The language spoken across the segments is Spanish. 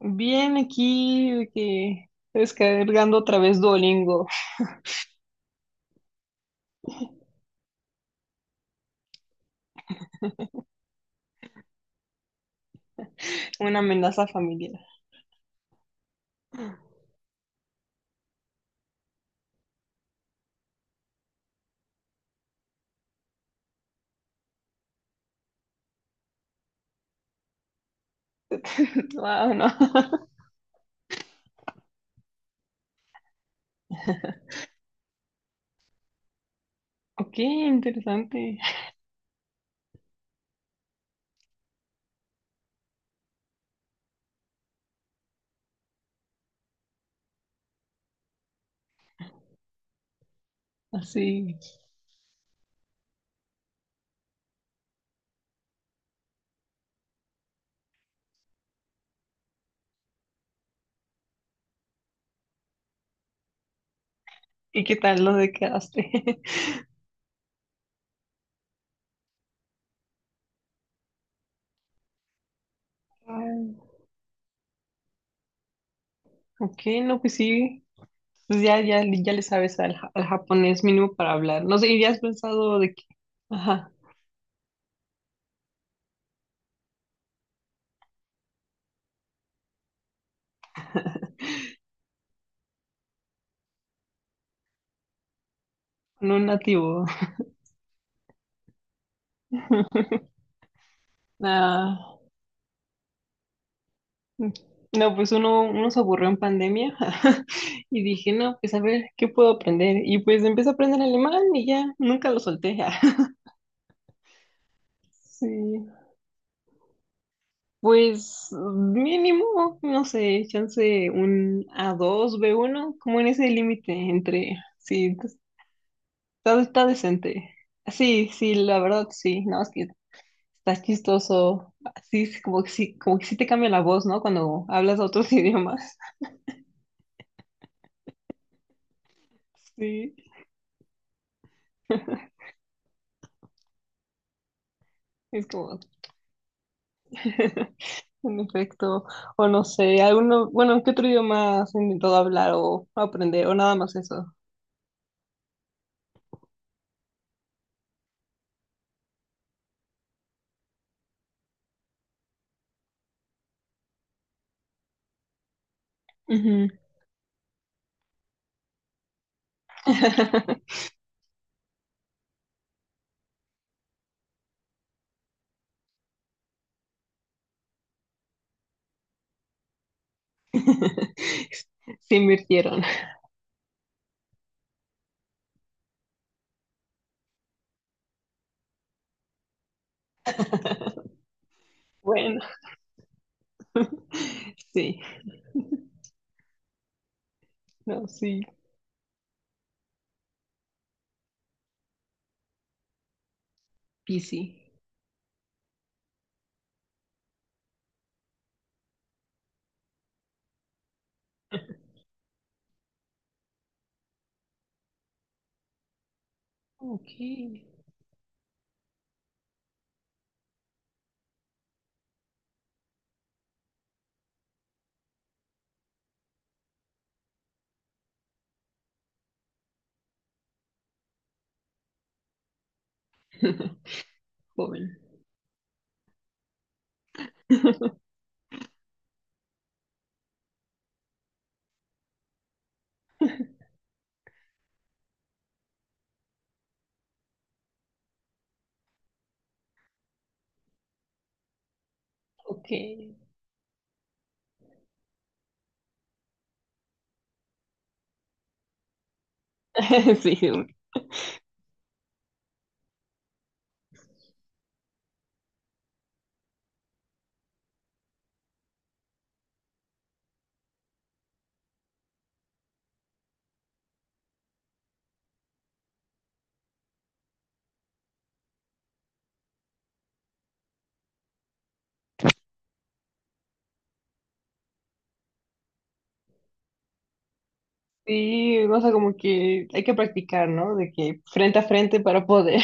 Bien, aquí de que descargando otra vez Duolingo, una amenaza familiar. Wow, no. Ok, interesante. Así. ¿Y qué tal lo de quedaste? Ay, ok, no, pues sí. Pues ya le sabes al, al japonés mínimo para hablar. No sé, ¿y ya has pensado de que, ajá, no un nativo? Nah. Mm. No, pues uno se aburrió en pandemia y dije, no, pues a ver, ¿qué puedo aprender? Y pues empecé a aprender alemán y ya, nunca lo solté. Sí, pues mínimo, no sé, chance un a dos b uno como en ese límite entre, sí, está decente. Sí, la verdad, sí, no, es que estás chistoso, así es como que sí te cambia la voz, ¿no? Cuando hablas otros idiomas. Sí, es como... En efecto, o no sé, alguno, bueno, ¿qué otro idioma has intentado hablar o aprender o nada más eso? Ujú. Se invirtieron. Bueno, sí, no, sí, easy. Ok, joven. Ok. Sí, sí, o sea, como que hay que practicar, ¿no? De que frente a frente para poder.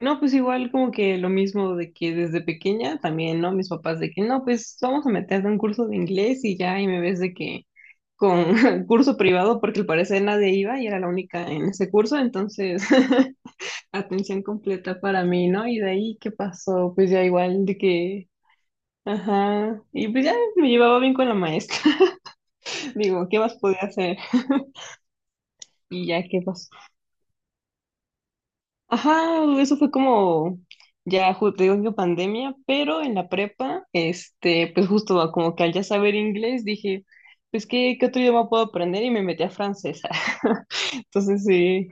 No, pues igual como que lo mismo de que desde pequeña también, ¿no? Mis papás de que no, pues vamos a meterte a un curso de inglés y ya, y me ves de que con curso privado porque al parecer nadie iba y era la única en ese curso, entonces atención completa para mí, ¿no? Y de ahí, ¿qué pasó? Pues ya igual de que, ajá, y pues ya me llevaba bien con la maestra, digo, ¿qué más podía hacer? Y ya, ¿qué pasó? Ajá, eso fue como, te digo que pandemia, pero en la prepa, este, pues justo como que al ya saber inglés dije, pues qué otro idioma puedo aprender y me metí a francés. Entonces sí,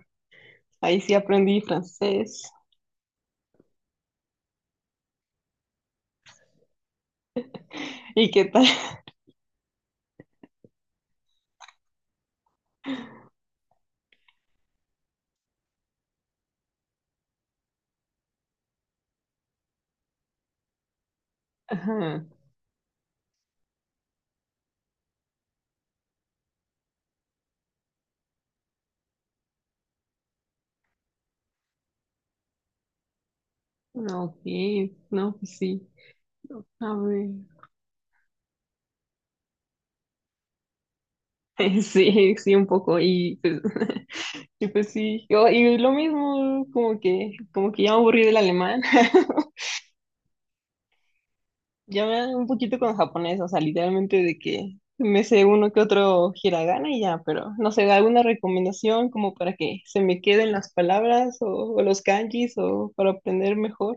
ahí sí aprendí francés. ¿Y qué tal? Ajá, no, ok, no, pues sí, a ver. Sí, sí, un poco, y pues, y pues sí, yo, y lo mismo, como que ya me aburrí del alemán. Ya me un poquito con japonés, o sea, literalmente de que me sé uno que otro hiragana y ya, pero no sé, alguna recomendación como para que se me queden las palabras o los kanjis o para aprender mejor.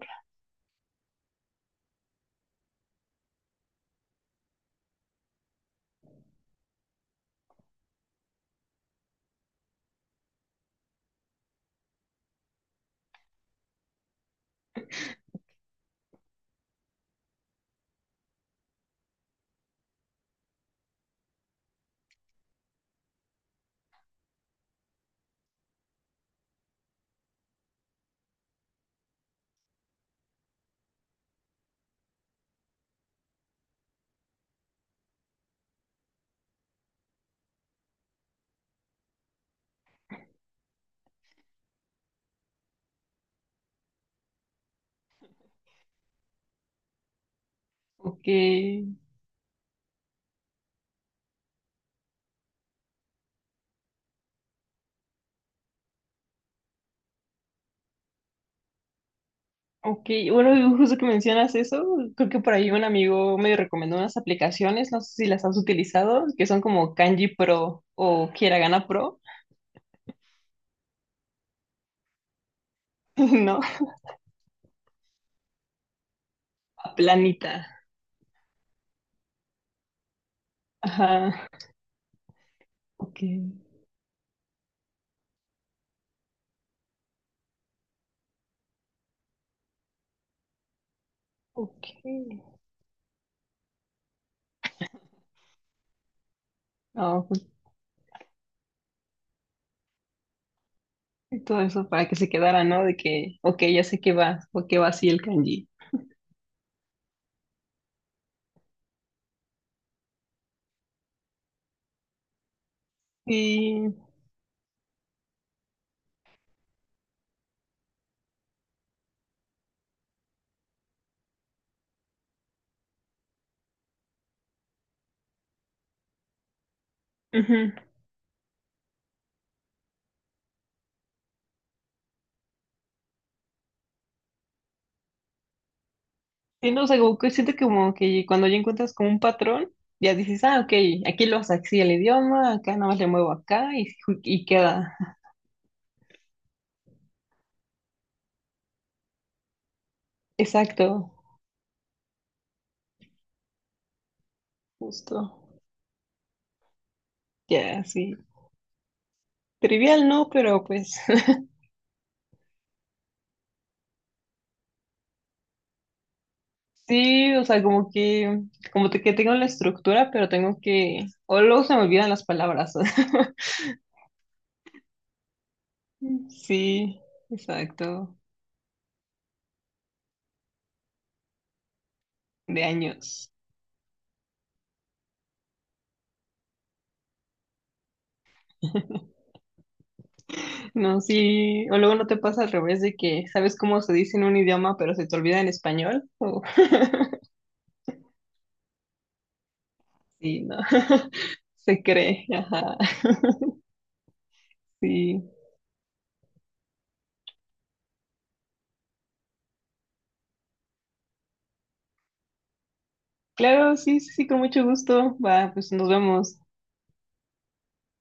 Ok, ok, bueno, justo que mencionas eso, creo que por ahí un amigo me recomendó unas aplicaciones, no sé si las has utilizado, que son como Kanji Pro o Hiragana Pro, ¿no? Planita. Ajá, ok, ok. No, pues y todo eso para que se quedara, ¿no? De que, ok, ya sé que va, o que va así el kanji. Y, ujú. Y no, sé, como que siento que como que cuando ya encuentras como un patrón, ya dices, ah, ok, aquí lo haces así el idioma, acá nada más le muevo acá y queda. Exacto, justo. Ya, sí. Trivial, ¿no? Pero pues sí, o sea, como que, que tengo la estructura, pero tengo que, o luego se me olvidan las palabras. Sí, exacto, de años. No, sí, o luego no te pasa al revés de que sabes cómo se dice en un idioma, pero se te olvida en español. O sí, no. Se cree, ajá. Sí. Claro, sí, sí, sí, con mucho gusto. Va, pues nos vemos.